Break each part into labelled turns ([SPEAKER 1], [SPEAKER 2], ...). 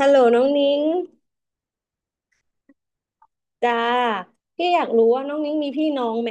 [SPEAKER 1] ฮัลโหลน้องนิ้งจ้าพี่อยากรู้ว่าน้องนิ้งมีพี่น้องไหม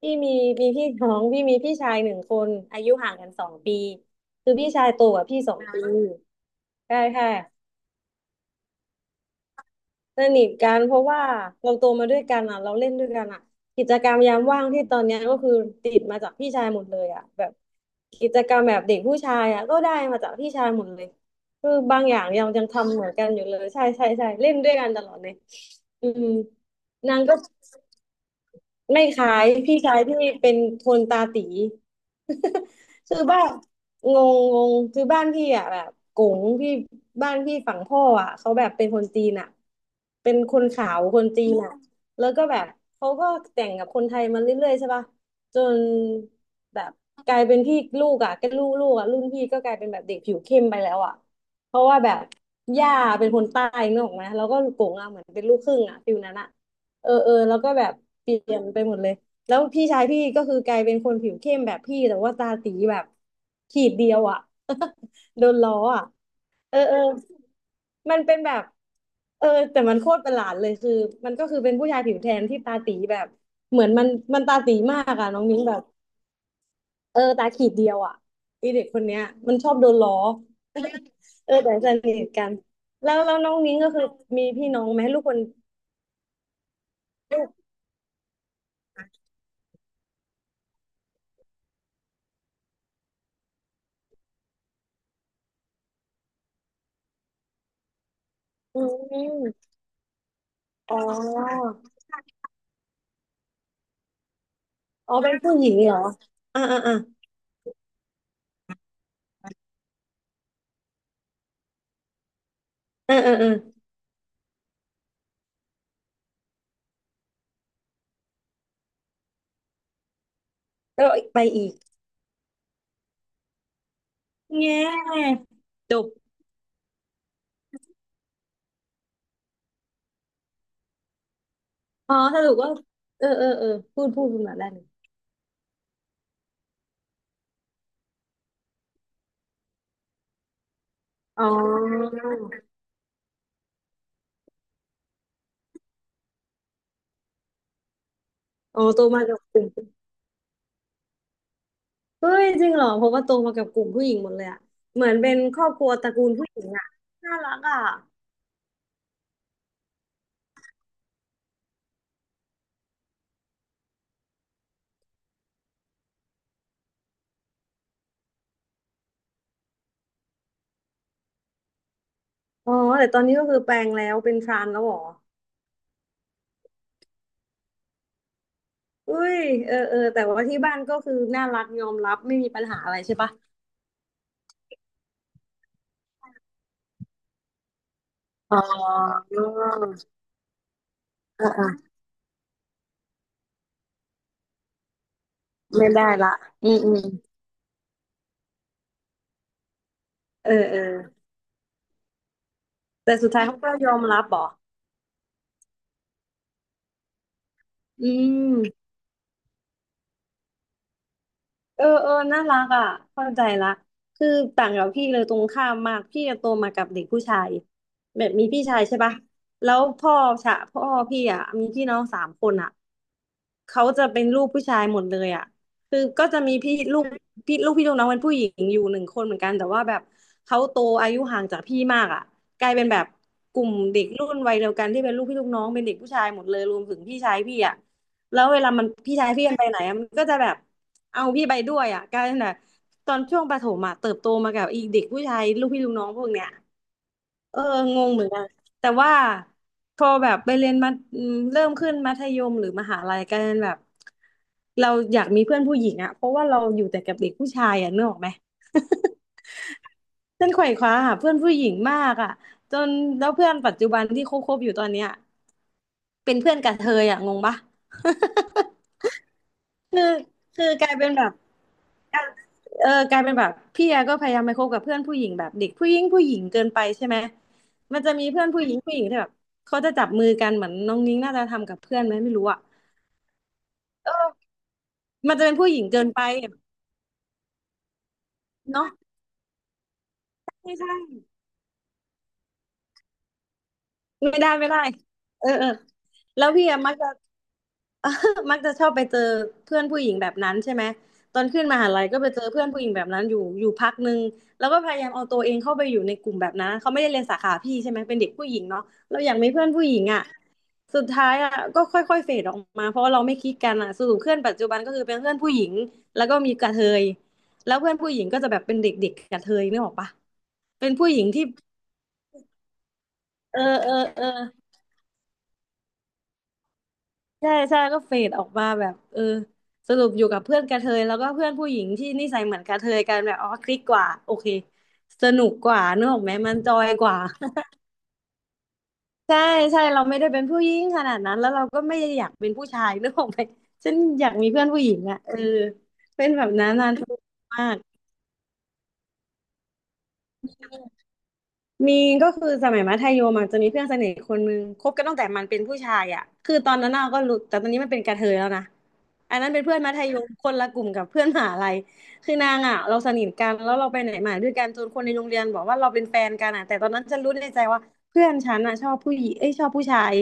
[SPEAKER 1] พี่มีมีพี่น้องพี่มีพี่ชายหนึ่งคนอายุห่างกันสองปีคือพี่ชายโตกว่าพี่สองปีใช่ใช่สนิทกันเพราะว่าเราโตมาด้วยกันอ่ะเราเล่นด้วยกันอ่ะกิจกรรมยามว่างที่ตอนเนี้ยก็คือติดมาจากพี่ชายหมดเลยอ่ะแบบกิจกรรมแบบเด็กผู้ชายอ่ะก็ได้มาจากพี่ชายหมดเลยคือบางอย่างยังทำเหมือนกันอยู่เลยใช่ใช่ใช่เล่นด้วยกันตลอดเลยอืมนางก็ ไม่ขายพี่ชายพี่เป็นคนตาตี คือบ้านงงงงคือบ้านพี่อ่ะแบบกงพี่บ้านพี่ฝั่งพ่ออ่ะเขาแบบเป็นคนจีนอ่ะเป็นคนขาวคนจีนอ่ะแล้วก็แบบเขาก็แต่งกับคนไทยมาเรื่อยๆใช่ป่ะจนแบบกลายเป็นพี่ลูกอ่ะก็ลูกอ่ะรุ่นพี่ก็กลายเป็นแบบเด็กผิวเข้มไปแล้วอ่ะเพราะว่าแบบย่าเป็นคนใต้นึกออกไหมแล้วก็กงอ่ะเหมือนเป็นลูกครึ่งอ่ะฟิลนั้นอ่ะ เออแล้วก็แบบเปลี่ยนไปหมดเลยแล้วพี่ชายพี่ก็คือกลายเป็นคนผิวเข้มแบบพี่แต่ว่าตาตีแบบขีดเดียวอ่ะ โดนล้ออ่ะเออมันเป็นแบบเออแต่มันโคตรประหลาดเลยคือมันก็คือเป็นผู้ชายผิวแทนที่ตาตีแบบเหมือนมันตาตีมากอ่ะน้องมิ้งแบบเออตาขีดเดียวอ่ะไอเด็กคนเนี้ยมันชอบโดนล้อ เออแต่สนิทกันแล้วน้องนิ้งก็คือมีพี่น้องไหมลูกคนลูกอืมอ๋อ อ๋อเป็นผู้หญิงเหรออ่าอ่าแล้วไปอีกแง่จบอ๋อสรุปว่าเออเออเออพูดมาได้เลยอ๋ออ๋อโตมากับกลุ่มเฮ้ยจริงเหรอเพราะว่าโตมากับกลุ่มผู้หญิงหมดเลยอะเหมือนเป็นครอบครัวตระกูลผู้หญิงอะน่ารักอะอ๋อแต่ตอนนี้ก็คือแปลงแล้วเป็นทรานแล้วเหรอเฮ้ยเออแต่ว่าที่บ้านก็คือน่ารักยอมรับไม่มีปัญหาอะไรใช่ปะอ๋ออ่าอ่าไม่ได้ละอืมเออ แต่สุดท้ายเขาก็ยอมรับเหรออืม เออน่ารักอ่ะเข้าใจละคือต่างกับพี่เลยตรงข้ามมากพี่จะโตมากับเด็กผู้ชายแบบมีพี่ชายใช่ปะแล้วพ่อชะพ่อพี่อ่ะมีพี่น้อง3 คนอ่ะเขาจะเป็นลูกผู้ชายหมดเลยอ่ะคือก็จะมีพี่ลูกพี่ลูกน้องเป็นผู้หญิงอยู่หนึ่งคนเหมือนกันแต่ว่าแบบเขาโตอายุห่างจากพี่มากอ่ะกลายเป็นแบบกลุ่มเด็กรุ่นวัยเดียวกันที่เป็นลูกพี่ลูกน้องเป็นเด็กผู้ชายหมดเลยรวมถึงพี่ชายพี่อ่ะแล้วเวลามันพี่ชายพี่มันไปไหนอะมันก็จะแบบ เอาพี่ไปด้วยอ่ะกลายเป็นแบบตอนช่วงประถมอ่ะเติบโตมากับอีเด็กผู้ชายลูกพี่ลูกน้องพวกเนี้ยเอองงเหมือนกันแต่ว่าพอแบบไปเรียนมาอืมเริ่มขึ้นมัธยมหรือมหาลัยกลายเป็นแบบเราอยากมีเพื่อนผู้หญิงอ่ะเพราะว่าเราอยู่แต่กับเด็กผู้ชายอ่ะนึกออกไหมเส้ นไขว่คว้าหาเพื่อนผู้หญิงมากอ่ะจนแล้วเพื่อนปัจจุบันที่คบๆอยู่ตอนเนี้ยเป็นเพื่อนกระเทยอ่ะงงปะ คือกลายเป็นแบบ เออกลายเป็นแบบพี่แอก็พยายามไปคบกับเพื่อนผู้หญิงแบบเด็กผู้หญิงผู้หญิงเกินไปใช่ไหมมันจะมีเพื่อนผู้หญิงผู้หญิงที่แบบเขาจะจับมือกันเหมือนน้องนิ้งน่าจะทำกับเพื่อนไหมไม่รู้อะเออมันจะเป็นผู้หญิงเกินไปเนาะไม่ใช่ ไม่ได้ไม่ได้เออแล้วพี่อะมักจะ เออมักจะชอบไปเจอเพื่อนผู้หญิงแบบนั้นใช่ไหมตอนขึ้นมหาลัยก็ไปเจอเพื่อนผู้หญิงแบบนั้นอยู่อยู่พักหนึ่ง แล้วก็พยายามเอาตัวเองเข้าไปอยู่ในกลุ่มแบบนั้นเขาไม่ได้เรียนสาขาพี่ใช่ไหมเป็นเด็กผู้หญิงเนาะเราอยากมีเพื่อนผู้หญิงอ่ะสุดท้ายอ่ะก็ค่อยๆเฟดออกมาเพราะว่าเราไม่คลิกกันอ่ะสรุปเพื่อนปัจจุบันก็คือเป็นเพื่อนผู้หญิงแล้วก็มีกระเทยแล้วเพื่อนผู้หญิงก็จะแบบเป็นเด็กๆกระเทยนึกออกปะเป็นผู้หญิงที่เออเออเออ ใช่ใช่ก็เฟดออกมาแบบสรุปอยู่กับเพื่อนกระเทยแล้วก็เพื่อนผู้หญิงที่นิสัยเหมือนกระเทยกันแบบอ๋อคลิกกว่าโอเคสนุกกว่านึกออกไหมมันจอยกว่า ใช่ใช่เราไม่ได้เป็นผู้หญิงขนาดนั้นแล้วเราก็ไม่ได้อยากเป็นผู้ชายนึกออกไหมฉันอยากมีเพื่อนผู้หญิงอ่ะเออเป็นแบบนั้นนาน มาก มีก็คือสมัยมัธยมอะจะมีเพื่อนสนิทคนนึงคบกันตั้งแต่มันเป็นผู้ชายอ่ะคือตอนนั้นเราก็รู้แต่ตอนนี้มันเป็นกระเทยแล้วนะอันนั้นเป็นเพื่อนมัธยมคนละกลุ่มกับเพื่อนมหาลัยคือนางอ่ะเราสนิทกันแล้วเราไปไหนมาด้วยกันจนคนในโรงเรียนบอกว่าเราเป็นแฟนกันอ่ะแต่ตอนนั้นฉันรู้ในใจว่าเพื่อนฉันอ่ะชอบผู้หญิงเอ้ยชอบผู้ชาย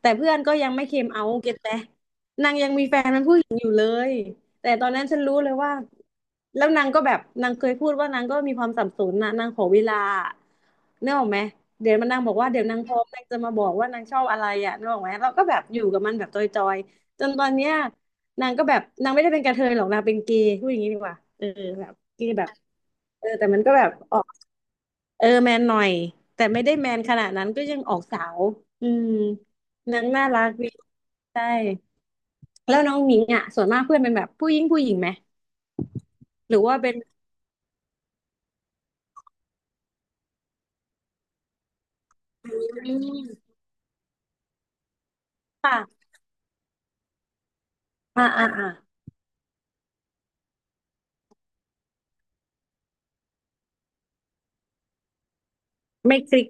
[SPEAKER 1] แต่เพื่อนก็ยังไม่เคมเอาเก็ตไหมนางยังมีแฟนเป็นผู้หญิงอยู่เลย แต่ตอนนั้นฉันรู้เลยว่าแล้วนางก็แบบนางเคยพูดว่านางก็มีความสับสนนะนางขอเวลาเนกออกไหมเดี๋ยวมันนางบอกว่าเดี๋ยวนางพร้อมนางจะมาบอกว่านางชอบอะไรอ่ะเนกออกไหมเราก็แบบอยู่กับมันแบบจอยๆจนตอนเนี้ยนางก็แบบนางไม่ได้เป็นกระเทยหรอกนางเป็นเกย์พูดอย่างนี้ดีกว่าเออแบบเกย์แบบเออแต่มันก็แบบออกเออแมนหน่อยแต่ไม่ได้แมนขนาดนั้นก็ยังออกสาวอืมนางน่ารักดีใช่แล้วน้องหญิงอ่ะส่วนมากเพื่อนเป็นแบบผู้หญิงผู้หญิงไหมหรือว่าเป็น อืมค่ะอ่าอ่าอ่าไม่คลิก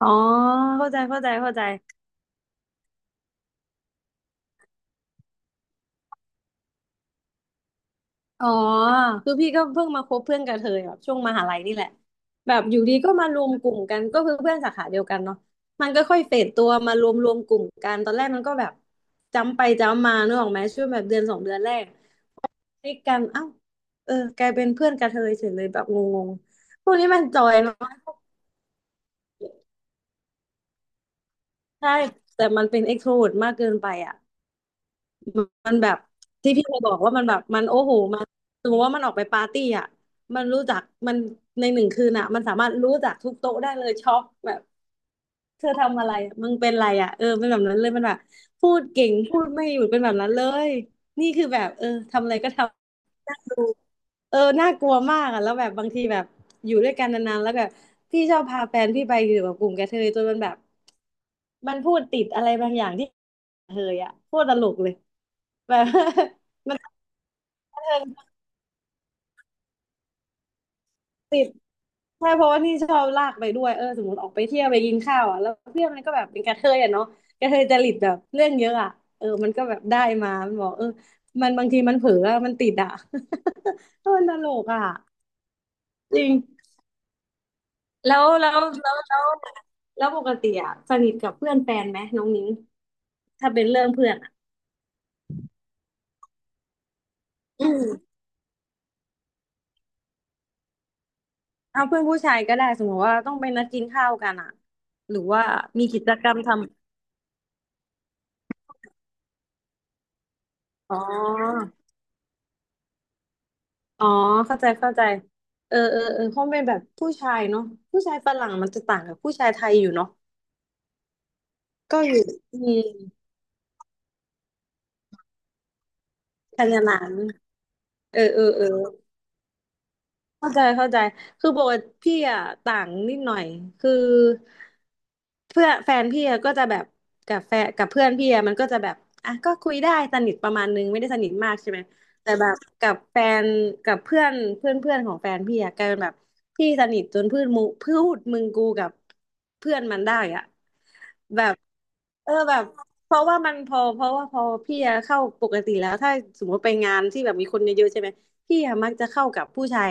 [SPEAKER 1] อ๋อเข้าใจเข้าใจเข้าใจอ๋อคือพี่ก็เพิ่งมาคบเพื่อนกับเธอแบบช่วงมหาลัยนี่แหละแบบอยู่ดีก็มารวมกลุ่มกันก็คือเพื่อนสาขาเดียวกันเนาะมันก็ค่อยเฟดตัวมารวมกลุ่มกันตอนแรกมันก็แบบจำไปจำมานึกออกไหมช่วงแบบเดือนสองเดือนแรกคลิกกันเอ้าเออกลายเป็นเพื่อนกับเธอเฉยเลยแบบงงๆพวกนี้มันจอยเนาะใช่แต่มันเป็นเอ็กโทรเวิร์มากเกินไปอ่ะ มันแบบที่พี่เคยบอกว่ามันแบบมันโอ้โหมันสมมติว่ามันออกไปปาร์ตี้อ่ะมันรู้จักมันในหนึ่งคืนอ่ะมันสามารถรู้จักทุกโต๊ะได้เลยช็อกแบบเธอทำอะไรอะมึงเป็นอะไรอ่ะเออเป็นแบบนั้นเลยมันแบบพูดเก่งพูดไม่หยุดเป็นแบบนั้นเลยนี่คือแบบเออทำอะไรก็ทำดู เออน่ากลัวมากอ่ะแล้วแบบบางทีแบบอยู่ด้วยกันนานๆแล้วแบบพี่ชอบพาแฟนพี่ไปอยู่กับกลุ่มกระเทยจนมันแบบมันพูดติดอะไรบางอย่างที่กระเทยอ่ะโคตรตลกเลยแบบ มันกระเทยติดใช่เพราะว่านี่ชอบลากไปด้วยเออสมมติออกไปเที่ยวไปกินข้าวอ่ะแล้วเพื่อนมันก็แบบเป็นกระเทยอ่ะเนาะกระเทยจริตแบบเรื่องเยอะอ่ะเออมันก็แบบได้มามันบอกเออมันบางทีมันเผลออะมันติดอ่ะ เออมันตลกอ่ะจริง แล้วแล้วแล้วแล้วแล้วปกติอะสนิทกับเพื่อนแฟนไหมน้องนิ้งถ้าเป็นเรื่องเพื่อนอะอืมเอาเพื่อนผู้ชายก็ได้สมมติว่าต้องไปนัดกินข้าวกันอะหรือว่ามีกิจกรรมทำอ๋อเข้าใจเข้าใจเออเออเออคงเป็นแบบผู้ชายเนาะผู้ชายฝรั่งมันจะต่างกับผู้ชายไทยอยู่เนาะก็อยู่อืมขนาดนั้นเออเออเออ เข้าใจเข้าใจคือปกติพี่อ่ะต่างนิดหน่อยคือเพื่อนแฟนพี่อะก็จะแบบกับแฟนกับเพื่อนพี่อะมันก็จะแบบอ่ะก็คุยได้สนิทประมาณนึงไม่ได้สนิทมากใช่ไหมแต่แบบกับแฟนกับเพื่อนเพื่อนเพื่อนของแฟนพี่อะกลายเป็นแบบพี่สนิทจนพูดมูพูดมึงกูกับเพื่อนมันได้อะแบบเออแบบเพราะว่ามันพอเพราะว่าพอพี่อะเข้าปกติแล้วถ้าสมมติไปงานที่แบบมีคนเยอะๆใช่ไหม พี่อะมักจะเข้ากับผู้ชาย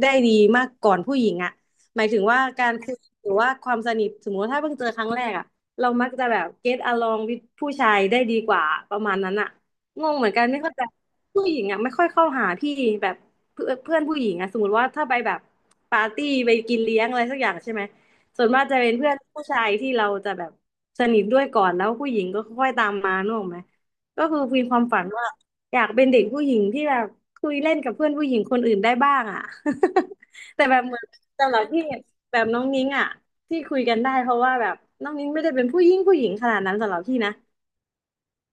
[SPEAKER 1] ได้ดีมากก่อนผู้หญิงอะหมายถึงว่าการคุยหรือว่าความสนิทสมมติว่าถ้าเพิ่งเจอครั้งแรกอะเรามักจะแบบ get along with ผู้ชายได้ดีกว่าประมาณนั้นอะงงเหมือนกันไม่เข้าใจผู้หญิงอะไม่ค่อยเข้าหาพี่แบบเพื่อนเพื่อนผู้หญิงอะสมมติว่าถ้าไปแบบปาร์ตี้ไปกินเลี้ยงอะไรสักอย่างใช่ไหมส่วนมากจะเป็นเพื่อนผู้ชายที่เราจะแบบสนิทด้วยก่อนแล้วผู้หญิงก็ค่อยตามมานึกออกไหม ก็คือมีความฝันว่าอยากเป็นเด็กผู้หญิงที่แบบคุยเล่นกับเพื่อนผู้หญิงคนอื่นได้บ้างอ่ะ แต่แบบเหมือนสำหรับพี่แบบน้องนิ้งอ่ะที่คุยกันได้เพราะว่าแบบน้องนิ้งไม่ได้เป็นผู้หญิงผู้หญิงขนาดนั้นสำหรับพี่นะ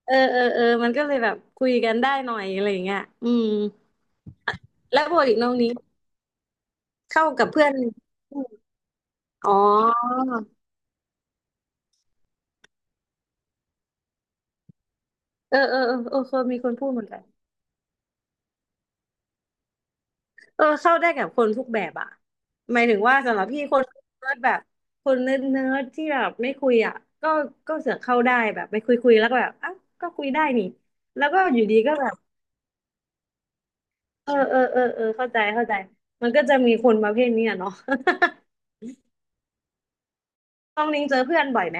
[SPEAKER 1] เออเออเออมันก็เลยแบบคุยกันได้หน่อยอะไรอย่างเงี้ยอืมแล้วปกติน้องนิ้งเข้ากับเพื่อนอมอ๋อเออเออเออเออเคยมีคนพูดเหมือนกัน เออเข้าได้กับคนทุกแบบอ่ะหมายถึงว่าสำหรับพี่คนเนิร์ดแบบคนเนิร์ดที่แบบไม่คุยอ่ะก็ก็เสือกเข้าได้แบบไปคุยแล้วก็แบบอ่ะก็คุยได้นี่แล้วก็อยู่ดีก็แบบเออเออเออเออเข้าใจเข้าใจมันก็จะมีคนประเภทนี้อะเนาะ ต้องนิ้งเจอเพื่อนบ่อยไหม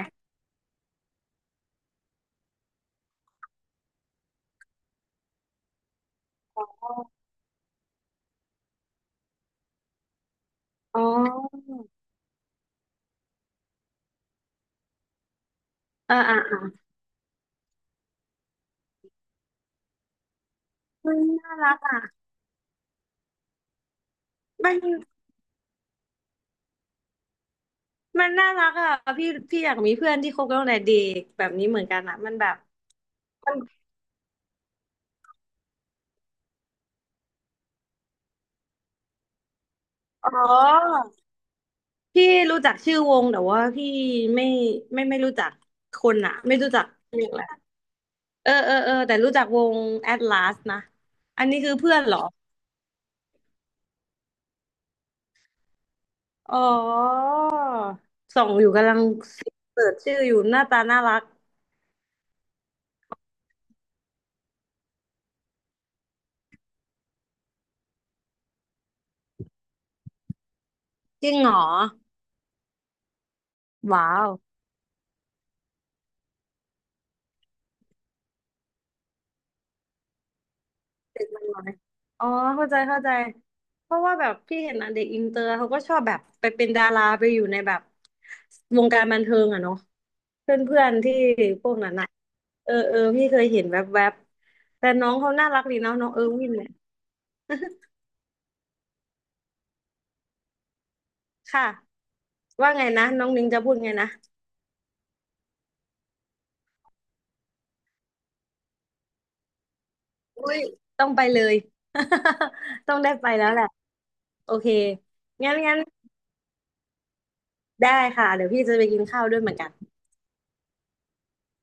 [SPEAKER 1] อ๋อเอออ่ะอ่ะมันน่ารักอะมันมันน่ารักอ่ะพี่อยากมีเพื่อนที่คบกันตั้งแต่เด็กแบบนี้เหมือนกันอ่ะมันแบบมันอ๋อ พี่รู้จักชื่อวงแต่ว่าพี่ไม่ไม่รู้จักคนอะไม่รู้จักเรียกอะไรเออเออเออแต่รู้จักวง Atlas นะอันนี้คือเพื่อนเหรออ๋อส่องอยู่กำลังเสิร์ชชื่ออยู่หน้าตาน่ารักจริงเหรอว้าว เด็กมันน้อยอ๋อเข้าใจเข้าใจเพราะว่าแบบพี่เห็นอ่ะเด็กอินเตอร์เขาก็ชอบแบบไปเป็นดาราไปอยู่ในแบบวงการบันเทิงอ่ะเนาะเพื่อนๆที่พวกนั้นอ่ะเออเออพี่เคยเห็นแวบๆบแต่น้องเขาน่ารักดีเนาะน้องเออร์วินเนี่ยค่ะว่าไงนะน้องนิ้งจะพูดไงนะอุ้ยต้องไปเลย ต้องได้ไปแล้วแหละโอเคงั้นงั้นได้ค่ะเดี๋ยวพี่จะไปกินข้าวด้วยเหมือนกัน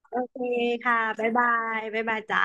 [SPEAKER 1] โอเคค่ะบ๊ายบายบ๊ายบายจ้า